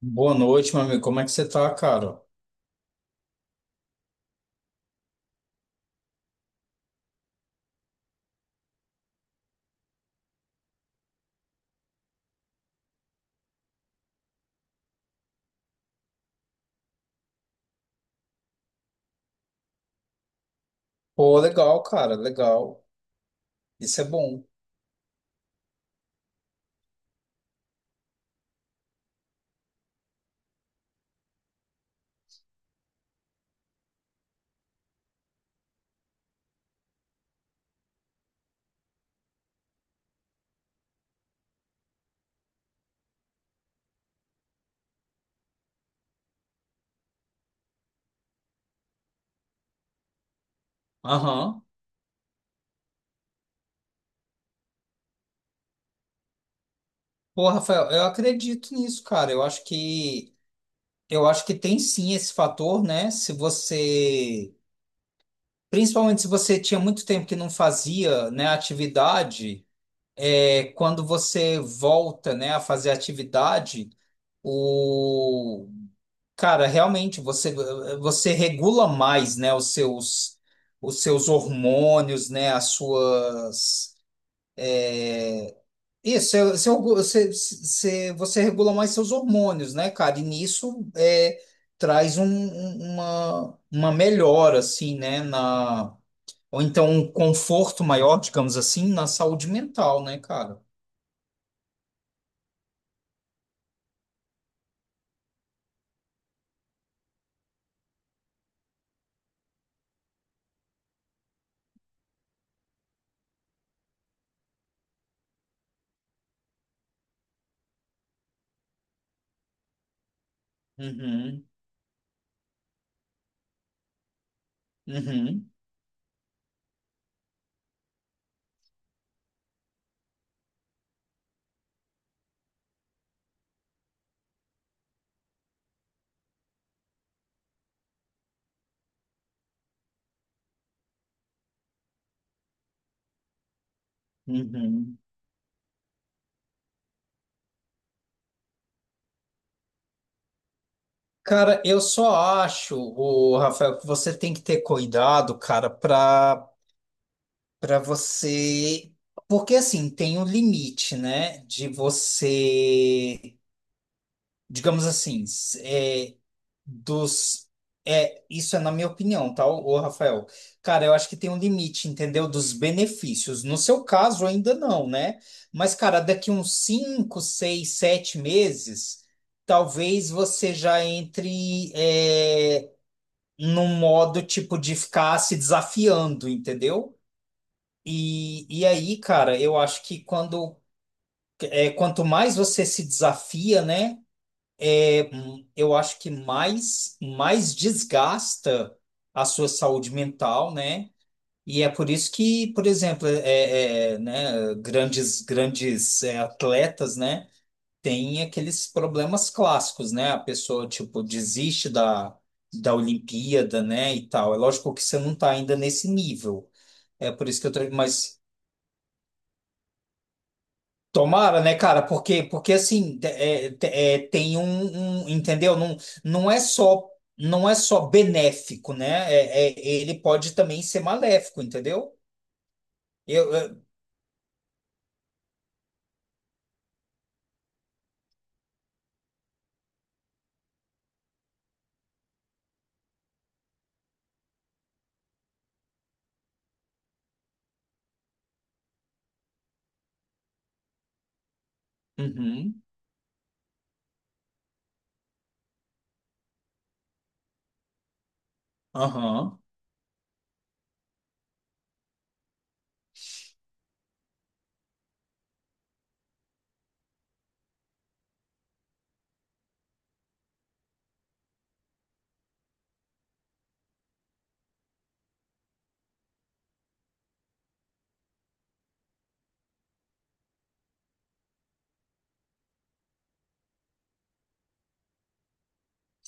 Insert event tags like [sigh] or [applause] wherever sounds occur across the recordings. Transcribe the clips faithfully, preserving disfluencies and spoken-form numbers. Boa noite, meu amigo. Como é que você tá, cara? Pô, legal, cara, legal. Isso é bom. Aham. Pô, Rafael, eu acredito nisso, cara. Eu acho que eu acho que tem sim esse fator, né? Se você, principalmente se você tinha muito tempo que não fazia, né, atividade, é quando você volta, né, a fazer atividade, o Cara, realmente você você regula mais, né, os seus os seus hormônios, né, as suas Isso, você, você, você, você regula mais seus hormônios, né, cara? E nisso é, traz um- um- uma, uma melhora, assim, né, na. Ou então um conforto maior, digamos assim, na saúde mental, né, cara? Uhum, uhum, uhum. Cara, eu só acho, o Rafael, que você tem que ter cuidado, cara, para para você, porque assim, tem um limite, né, de você, digamos assim, s- é, dos é, isso é na minha opinião, tá, ô Rafael? Cara, eu acho que tem um limite, entendeu? Dos benefícios. No seu caso ainda não, né? Mas cara, daqui uns cinco seis sete meses, talvez você já entre é, num modo tipo de ficar se desafiando, entendeu? E, e aí, cara, eu acho que quando é, quanto mais você se desafia, né? É, hum, eu acho que mais mais desgasta a sua saúde mental, né? E é por isso que, por exemplo, é, é, né, grandes grandes é, atletas, né? Tem aqueles problemas clássicos, né? A pessoa, tipo, desiste da, da Olimpíada, né? E tal. É lógico que você não tá ainda nesse nível. É por isso que eu tô. Mas tomara, né, cara? Porque, porque assim, é, é, tem um, um- Entendeu? Não, não é só. Não é só benéfico, né? É, é- ele pode também ser maléfico, entendeu? Eu, eu- Uhum, aham.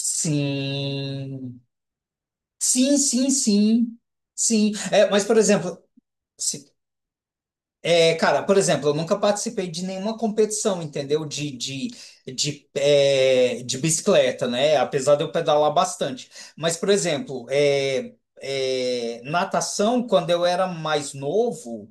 Sim. Sim, sim, sim. Sim. É, mas, por exemplo. se- É, cara, por exemplo, eu nunca participei de nenhuma competição, entendeu? De, de, de, é, de bicicleta, né? Apesar de eu pedalar bastante. Mas, por exemplo, é, é, natação, quando eu era mais novo.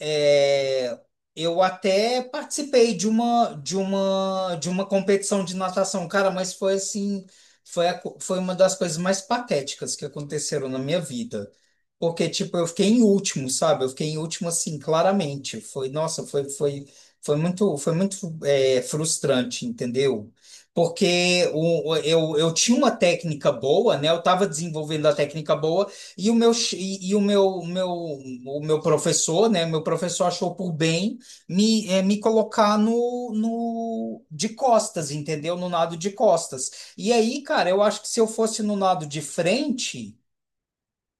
É, eu até participei de uma de uma de uma competição de natação, cara, mas foi assim, foi a co- foi uma das coisas mais patéticas que aconteceram na minha vida. Porque tipo, eu fiquei em último, sabe? Eu fiquei em último assim, claramente. Foi, nossa, foi foi foi muito foi muito é, frustrante, entendeu? Porque o, o- eu, eu tinha uma técnica boa, né? Eu estava desenvolvendo a técnica boa, e o meu, ch- e, e o meu, o meu, o meu professor, né? Meu professor achou por bem me, eh, me colocar no, no de costas, entendeu? No nado de costas. E aí, cara, eu acho que se eu fosse no nado de frente,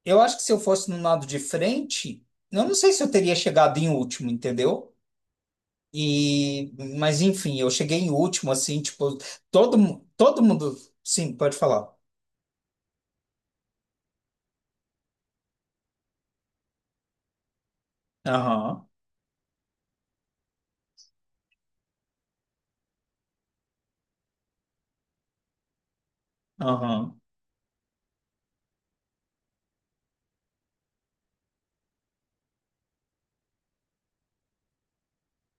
eu acho que se eu fosse no nado de frente, eu não sei se eu teria chegado em último, entendeu? E, mas enfim, eu cheguei em último, assim, tipo, todo, mu- todo mundo. Sim, pode falar. Aham, aham,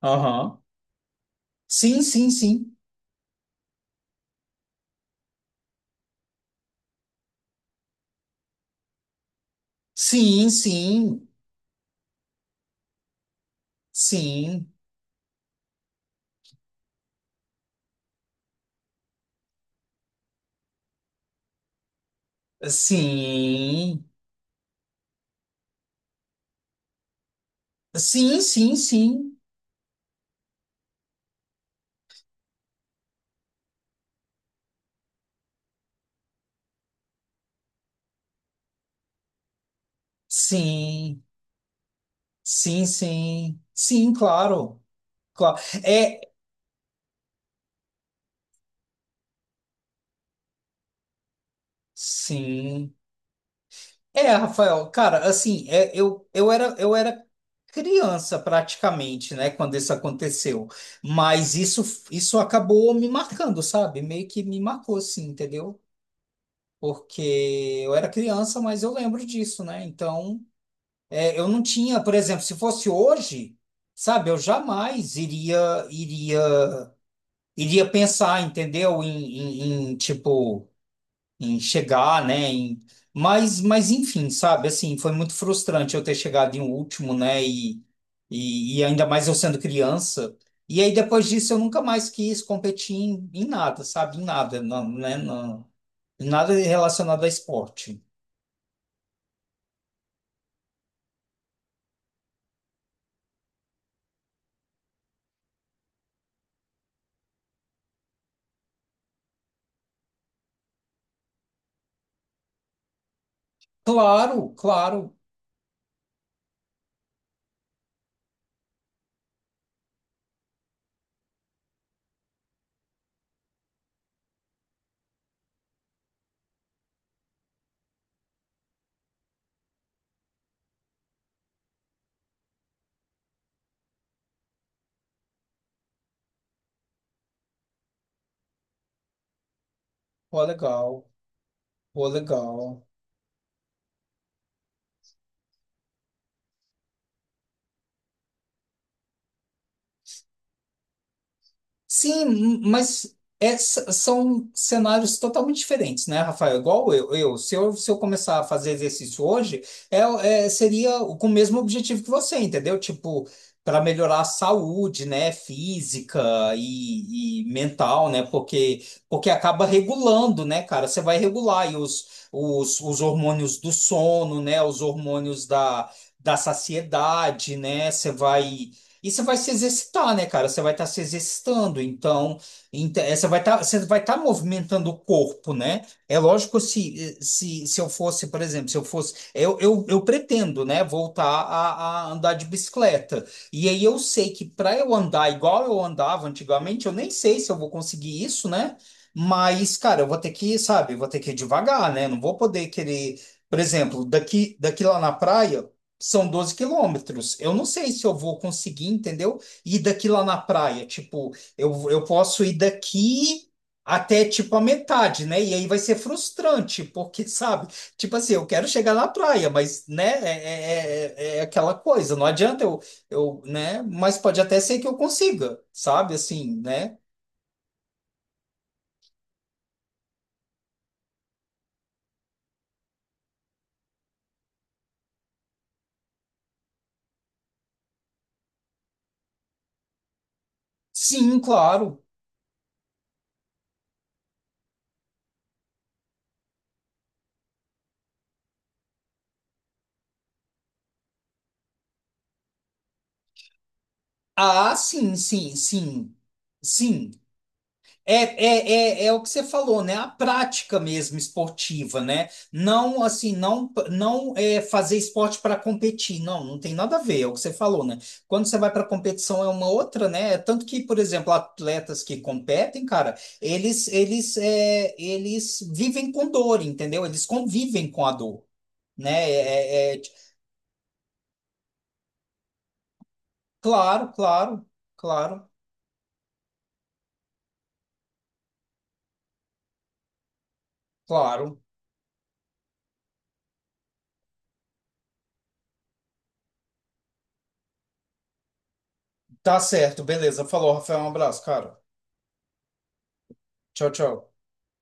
aham. Sim, sim, sim. Sim, sim, sim, sim, sim, sim, sim, sim, sim, sim, sim, claro, claro, é, sim, é, Rafael, cara, assim, é, eu, eu era, eu era criança praticamente, né, quando isso aconteceu, mas isso, isso acabou me marcando, sabe, meio que me marcou, assim, entendeu? Porque eu era criança, mas eu lembro disso, né, então. É, eu não tinha, por exemplo, se fosse hoje, sabe, eu jamais iria iria iria pensar, entendeu? Em, em- em, tipo em chegar, né? Em, mas mas enfim, sabe? Assim, foi muito frustrante eu ter chegado em último, né? E, e, e ainda mais eu sendo criança. E aí depois disso eu nunca mais quis competir em, em nada, sabe? Em nada, não, né? Não, em nada relacionado a esporte. Claro, claro. Pô, legal. Pô, legal. Sim, mas é- s- são cenários totalmente diferentes, né, Rafael? Igual eu, eu, se eu, se eu começar a fazer exercício hoje, é, é- seria com o mesmo objetivo que você, entendeu? Tipo, para melhorar a saúde, né, física e, e mental, né? Porque, porque acaba regulando, né, cara? Você vai regular aí os, os, os hormônios do sono, né? Os hormônios da, da saciedade, né? Você vai. E você vai se exercitar, né, cara? Você vai estar se exercitando, então, ent- eh, você vai estar, você vai estar movimentando o corpo, né? É lógico se, se, se eu fosse, por exemplo, se eu fosse, eu, eu, eu pretendo, né, voltar a, a andar de bicicleta. E aí eu sei que para eu andar igual eu andava antigamente, eu nem sei se eu vou conseguir isso, né? Mas, cara, eu vou ter que, sabe, eu vou ter que ir devagar, né? Não vou poder querer, por exemplo, daqui, daqui lá na praia. São doze quilômetros. Eu não sei se eu vou conseguir, entendeu? Ir daqui lá na praia. Tipo, eu, eu posso ir daqui até tipo a metade, né? E aí vai ser frustrante, porque, [laughs] sabe? Tipo assim, eu quero chegar na praia, mas, né? É, é, é é aquela coisa. Não adianta eu, eu, né? Mas pode até ser que eu consiga, sabe? Assim, né? Sim, claro. Ah, sim, sim, sim. Sim. É, é, é, é o que você falou, né? A prática mesmo esportiva, né? Não assim, não não é fazer esporte para competir, não, não tem nada a ver, é o que você falou, né? Quando você vai para competição é uma outra, né? É. Tanto que, por exemplo, atletas que competem, cara, eles eles é, eles vivem com dor, entendeu? Eles convivem com a dor, né? É, é- é- claro, claro, claro, claro. Tá certo, beleza. Falou, Rafael, um abraço, cara. Tchau, tchau.